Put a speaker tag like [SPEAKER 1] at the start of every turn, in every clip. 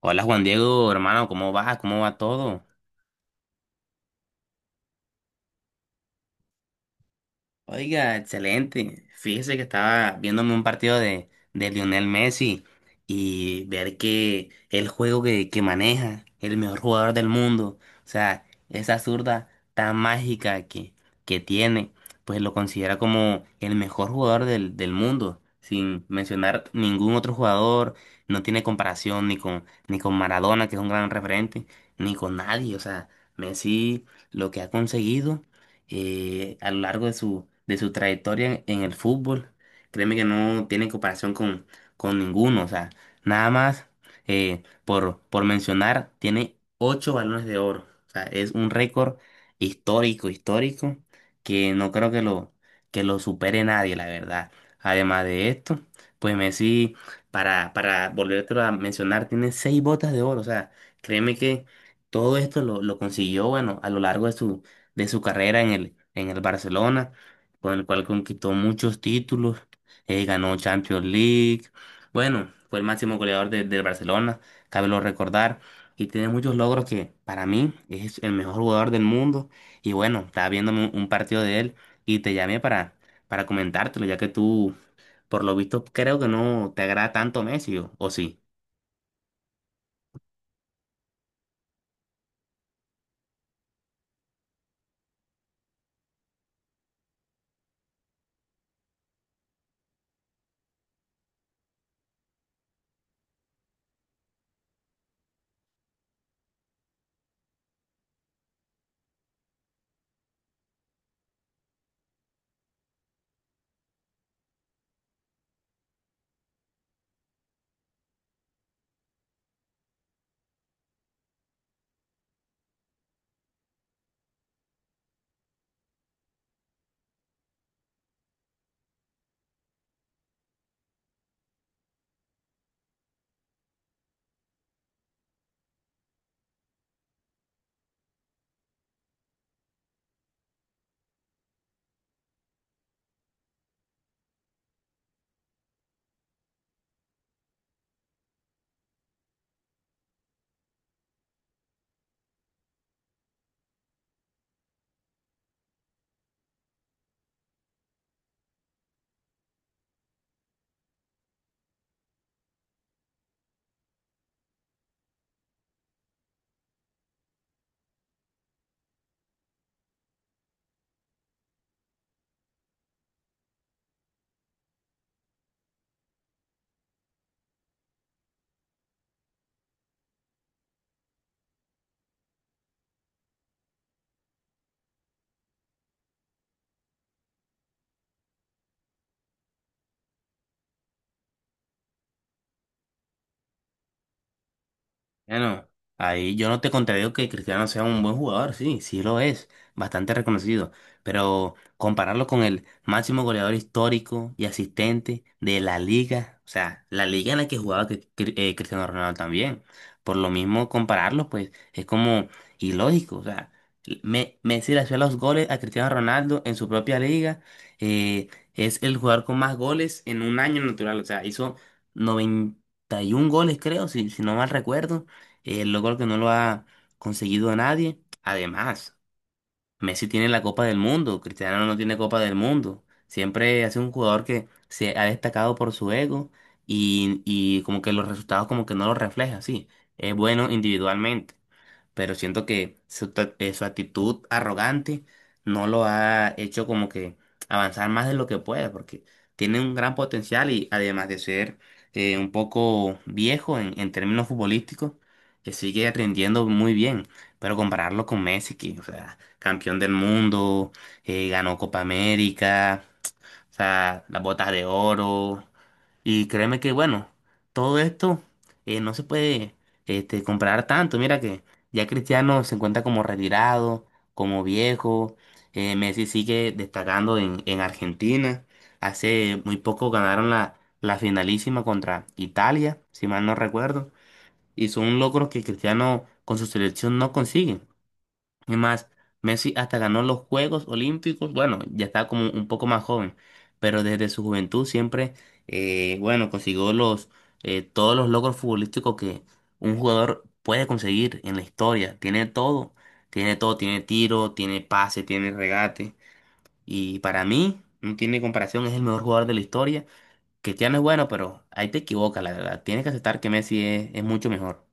[SPEAKER 1] Hola Juan Diego, hermano, ¿cómo vas? ¿Cómo va todo? Oiga, excelente. Fíjese que estaba viéndome un partido de Lionel Messi y ver que el juego que maneja, el mejor jugador del mundo, o sea, esa zurda tan mágica que tiene, pues lo considera como el mejor jugador del mundo, sin mencionar ningún otro jugador, no tiene comparación ni con Maradona, que es un gran referente, ni con nadie, o sea, Messi lo que ha conseguido a lo largo de su trayectoria en el fútbol. Créeme que no tiene comparación con ninguno. O sea, nada más por mencionar, tiene ocho balones de oro. O sea, es un récord histórico, histórico, que no creo que lo supere nadie, la verdad. Además de esto, pues Messi, para volvértelo a mencionar, tiene seis botas de oro. O sea, créeme que todo esto lo consiguió, bueno, a lo largo de de su carrera en en el Barcelona, con el cual conquistó muchos títulos, ganó Champions League, bueno, fue el máximo goleador del Barcelona, cabe lo recordar, y tiene muchos logros, que para mí es el mejor jugador del mundo, y bueno, estaba viéndome un partido de él y te llamé para comentártelo, ya que tú, por lo visto, creo que no te agrada tanto Messi, o sí? Bueno, ahí yo no te contradigo que Cristiano sea un buen jugador, sí, sí lo es, bastante reconocido, pero compararlo con el máximo goleador histórico y asistente de la liga, o sea, la liga en la que jugaba Cristiano Ronaldo también, por lo mismo compararlo, pues es como ilógico. O sea, Messi le hacía los goles a Cristiano Ronaldo en su propia liga. Es el jugador con más goles en un año natural. O sea, hizo 91 goles, creo, si no mal recuerdo, logro que no lo ha conseguido nadie. Además, Messi tiene la Copa del Mundo, Cristiano no tiene Copa del Mundo. Siempre ha sido un jugador que se ha destacado por su ego, y como que los resultados como que no lo refleja, sí. Es bueno individualmente, pero siento que su actitud arrogante no lo ha hecho como que avanzar más de lo que puede, porque tiene un gran potencial. Y además de ser un poco viejo en términos futbolísticos, que sigue aprendiendo muy bien. Pero compararlo con Messi, que, o sea, campeón del mundo, ganó Copa América, o sea, las botas de oro. Y créeme que, bueno, todo esto no se puede comparar tanto. Mira que ya Cristiano se encuentra como retirado, como viejo. Messi sigue destacando en Argentina. Hace muy poco ganaron la finalísima contra Italia, si mal no recuerdo. Y son logros que Cristiano con su selección no consigue. Es más, Messi hasta ganó los Juegos Olímpicos. Bueno, ya está como un poco más joven, pero desde su juventud siempre, bueno, consiguió todos los logros futbolísticos que un jugador puede conseguir en la historia. Tiene todo, tiene todo, tiene tiro, tiene pase, tiene regate. Y para mí, no tiene comparación, es el mejor jugador de la historia. Cristiano es bueno, pero ahí te equivocas, la verdad. Tienes que aceptar que Messi es mucho mejor.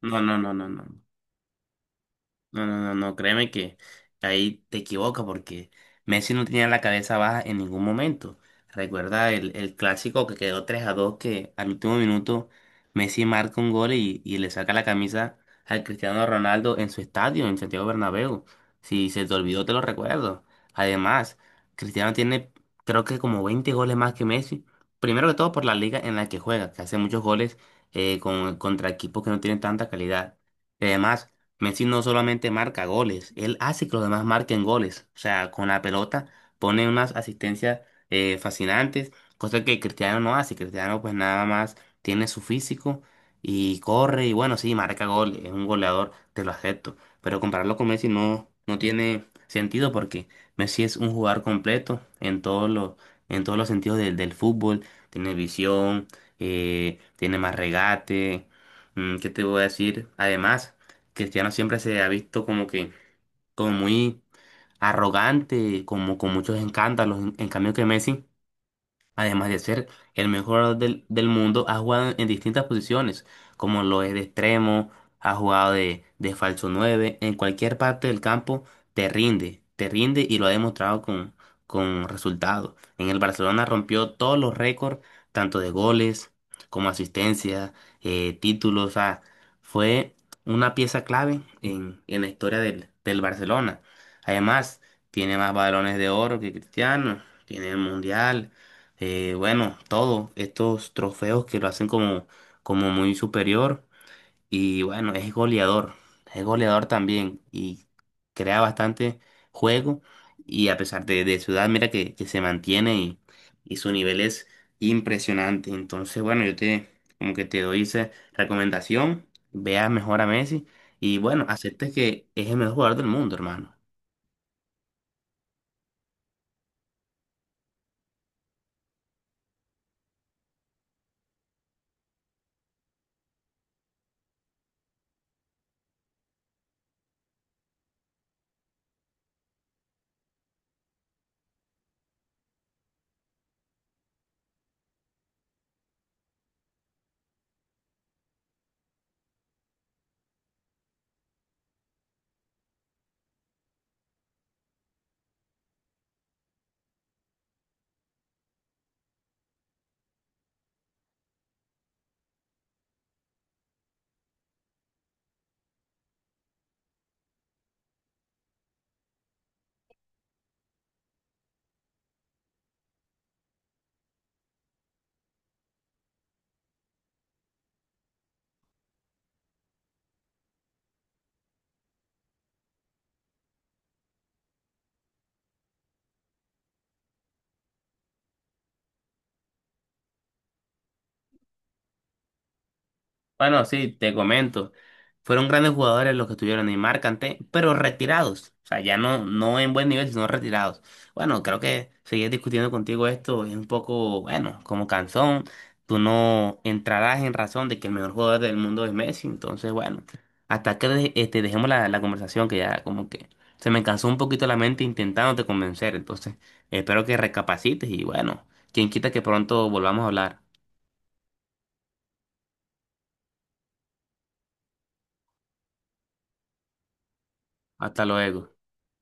[SPEAKER 1] No, no, no, no, no. No, no, no, no, créeme que ahí te equivoca, porque Messi no tenía la cabeza baja en ningún momento. Recuerda el clásico que quedó 3-2, que al último minuto Messi marca un gol, y le saca la camisa al Cristiano Ronaldo en su estadio, en Santiago Bernabéu. Si se te olvidó, te lo recuerdo. Además, Cristiano tiene, creo que, como 20 goles más que Messi. Primero que todo por la liga en la que juega, que hace muchos goles, contra equipos que no tienen tanta calidad. Y además, Messi no solamente marca goles, él hace que los demás marquen goles. O sea, con la pelota pone unas asistencias fascinantes, cosa que Cristiano no hace. Cristiano pues nada más tiene su físico y corre y, bueno, sí, marca goles, es un goleador, te lo acepto. Pero compararlo con Messi no, no tiene sentido, porque Messi es un jugador completo en todos los sentidos del fútbol. Tiene visión, tiene más regate. ¿Qué te voy a decir? Además, Cristiano siempre se ha visto como que, como muy arrogante, como con muchos escándalos. En cambio que Messi, además de ser el mejor jugador del mundo, ha jugado en distintas posiciones, como lo es de extremo, ha jugado de falso nueve. En cualquier parte del campo te rinde, te rinde, y lo ha demostrado con resultados. En el Barcelona rompió todos los récords, tanto de goles como asistencia, títulos. O sea, fue una pieza clave en la historia del Barcelona. Además, tiene más balones de oro que Cristiano, tiene el Mundial, bueno, todo, estos trofeos que lo hacen como, como muy superior. Y bueno, es goleador también, y crea bastante juego, y a pesar de su edad, mira que se mantiene, y su nivel es impresionante. Entonces, bueno, yo te como que te doy esa recomendación, veas mejor a Messi, y bueno, aceptes que es el mejor jugador del mundo, hermano. Bueno, sí, te comento. Fueron grandes jugadores los que estuvieron, Neymar, Kanté, pero retirados. O sea, ya no, no en buen nivel, sino retirados. Bueno, creo que seguir discutiendo contigo esto es un poco, bueno, como cansón. Tú no entrarás en razón de que el mejor jugador del mundo es Messi. Entonces, bueno, hasta que dejemos la conversación, que ya como que se me cansó un poquito la mente intentándote convencer. Entonces, espero que recapacites y, bueno, quien quita que pronto volvamos a hablar. Hasta luego.